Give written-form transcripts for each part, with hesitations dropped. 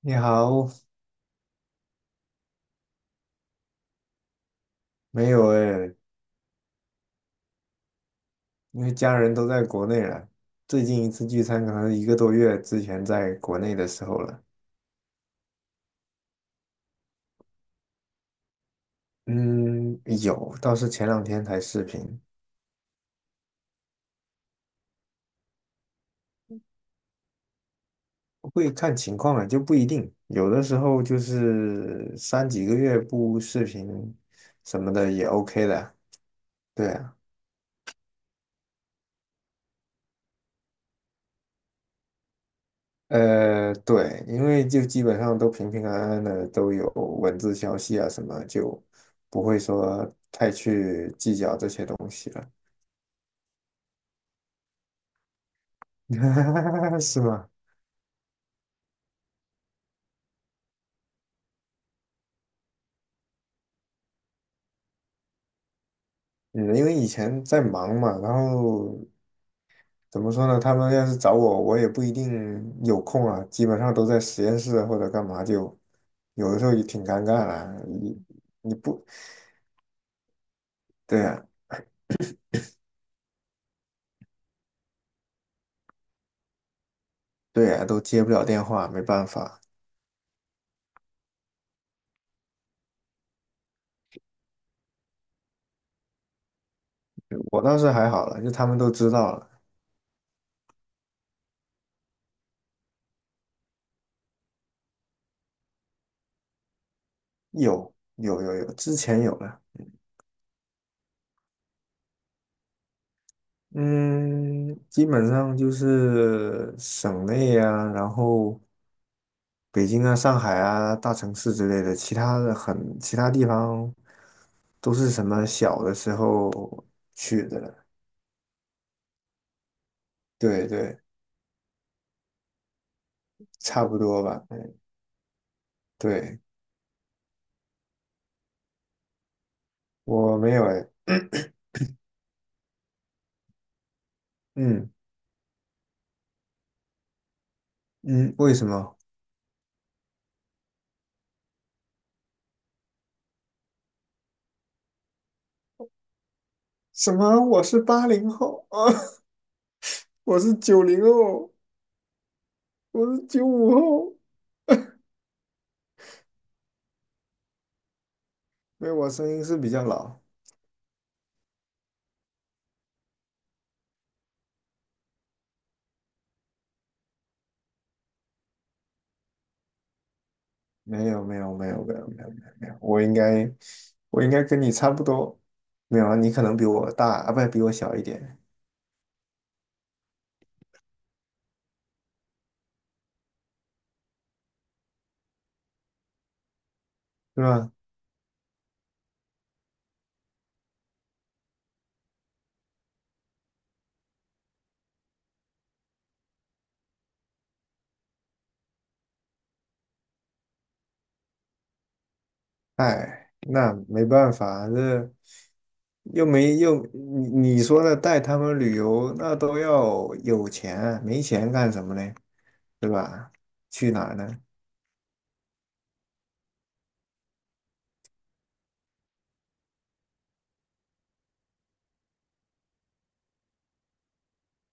你好，没有哎，因为家人都在国内了。最近一次聚餐可能一个多月之前在国内的时候了。嗯，有，倒是前两天才视频，会看情况啊，就不一定。有的时候就是三几个月不视频什么的也 OK 的。对啊。对，因为就基本上都平平安安的，都有文字消息啊什么，就不会说太去计较这些东西了。是吗？嗯，因为以前在忙嘛，然后怎么说呢？他们要是找我，我也不一定有空啊，基本上都在实验室啊或者干嘛就，有的时候也挺尴尬的。你你不对呀，对呀，都接不了电话，没办法。嗯，我倒是还好了，就他们都知道了。有有有有，之前有了。嗯，基本上就是省内呀，然后。北京啊、上海啊、大城市之类的，其他地方都是什么小的时候去的了。对对，差不多吧。嗯，对。我没有哎。嗯嗯，为什么？什么？我是80后啊？我是90后，我是95后。没有，我声音是比较老。没有没有没有没有没有没有没有，我应该跟你差不多。没有啊，你可能比我大啊，不比我小一点，是吧？哎，那没办法，这又没又你说的带他们旅游，那都要有钱，没钱干什么呢？对吧？去哪儿呢？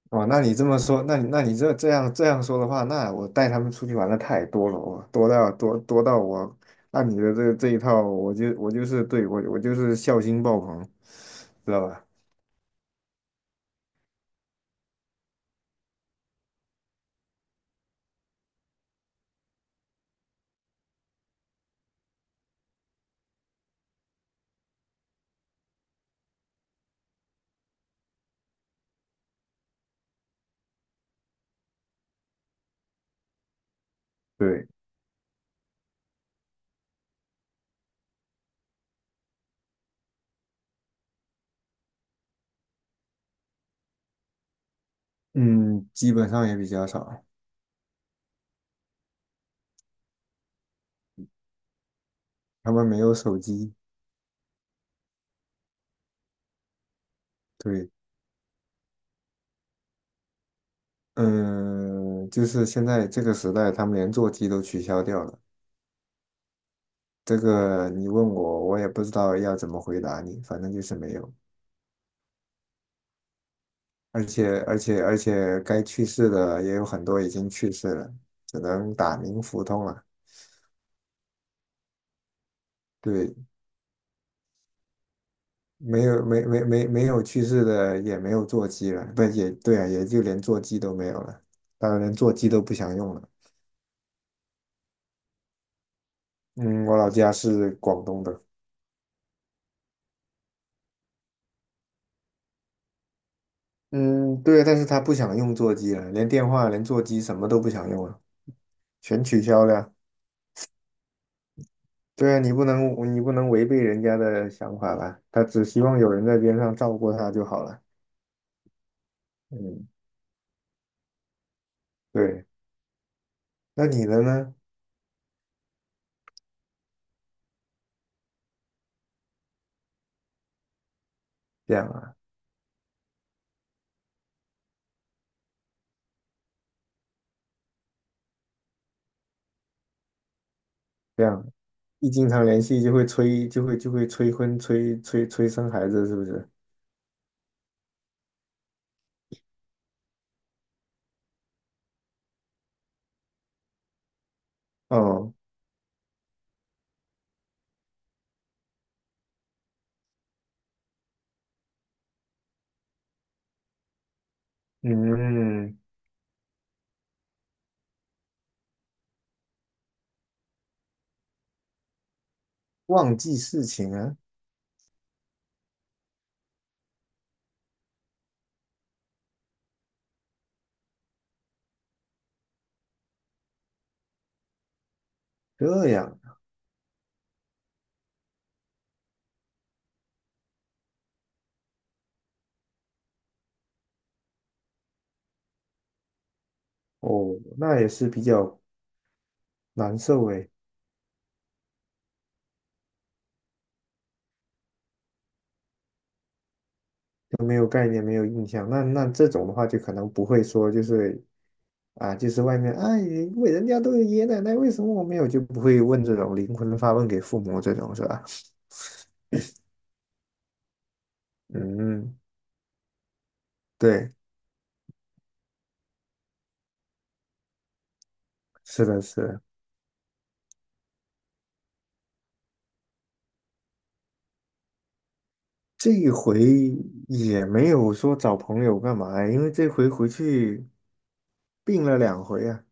哦，那你这么说，那你这样说的话，那我带他们出去玩的太多了，我多到我按你的这一套，我就是对我就是孝心爆棚，知道吧？对，嗯，基本上也比较少，他们没有手机。对，嗯，就是现在这个时代，他们连座机都取消掉了。这个你问我，我也不知道要怎么回答你，反正就是没有。而且，该去世的也有很多已经去世了，只能打鸣服通了。对，没有，没有去世的，也没有座机了，不也对啊，也就连座机都没有了，当然连座机都不想用了。嗯，我老家是广东的。嗯，对，但是他不想用座机了，连电话、连座机什么都不想用了。全取消了。对啊，你不能违背人家的想法吧？他只希望有人在边上照顾他就好了。嗯，对。那你的呢？这样啊。这样一经常联系就会催，就会催婚、催生孩子，是不是？哦，嗯，忘记事情啊，这样。哦，那也是比较难受诶，都没有概念，没有印象。那这种的话，就可能不会说就是啊，就是外面，哎，为人家都有爷爷奶奶，为什么我没有？就不会问这种灵魂发问给父母这种是吧？嗯，对，是的，是的，这一回也没有说找朋友干嘛呀，因为这回回去病了2回啊。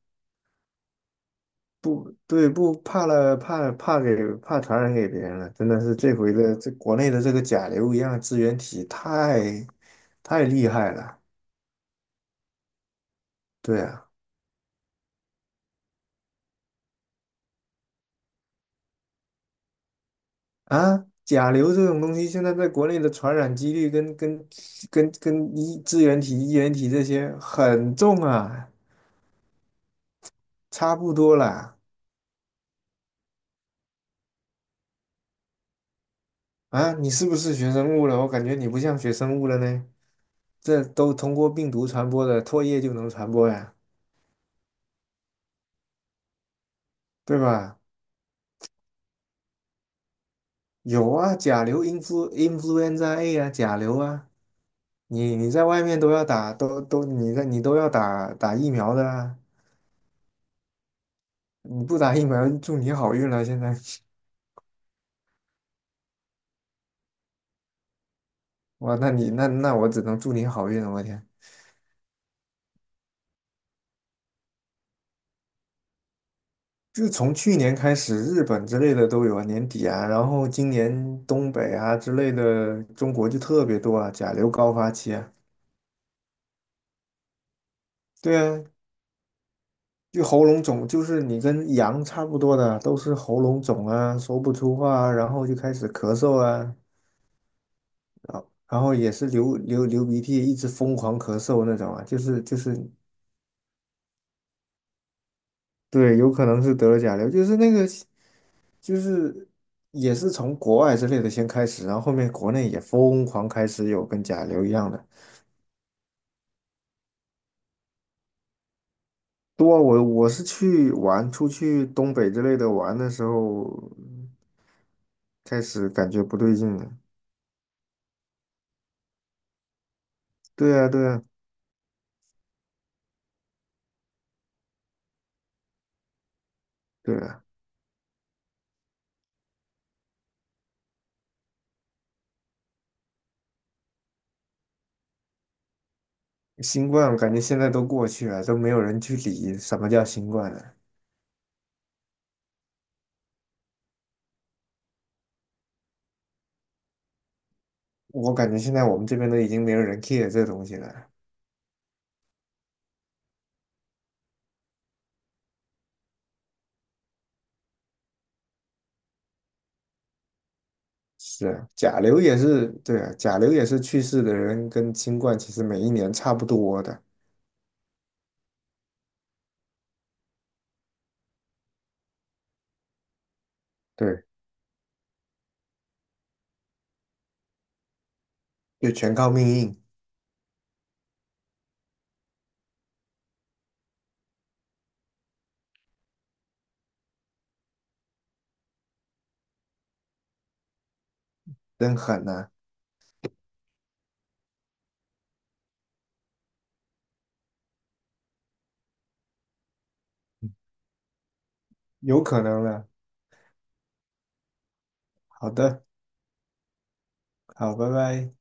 不对，不怕了，怕传染给别人了，真的是这回的这国内的这个甲流一样的支原体太厉害了。对啊。啊，甲流这种东西，现在在国内的传染几率跟支原体、衣原体这些很重啊，差不多啦。啊，你是不是学生物了？我感觉你不像学生物了呢。这都通过病毒传播的，唾液就能传播呀，对吧？有啊，甲流 influenza A 啊，甲流啊，你在外面都要打，你都要打疫苗的啊，你不打疫苗祝你好运了，现在。哇，那你那那我只能祝你好运了，我天！就是从去年开始，日本之类的都有啊，年底啊，然后今年东北啊之类的，中国就特别多啊，甲流高发期啊。对啊，就喉咙肿，就是你跟羊差不多的，都是喉咙肿啊，说不出话啊，然后就开始咳嗽啊，然后也是流鼻涕，一直疯狂咳嗽那种啊，对，有可能是得了甲流，就是那个。就是也是从国外之类的先开始，然后后面国内也疯狂开始有跟甲流一样的。多啊，我是去玩，出去东北之类的玩的时候，开始感觉不对劲了。对啊，对啊，对啊，新冠我感觉现在都过去了，都没有人去理什么叫新冠了。我感觉现在我们这边都已经没有人 care 这东西了。是啊，甲流也是，对啊，甲流也是去世的人跟新冠其实每一年差不多的。对，就全靠命硬。真狠呐、有可能了。好的，好，拜拜。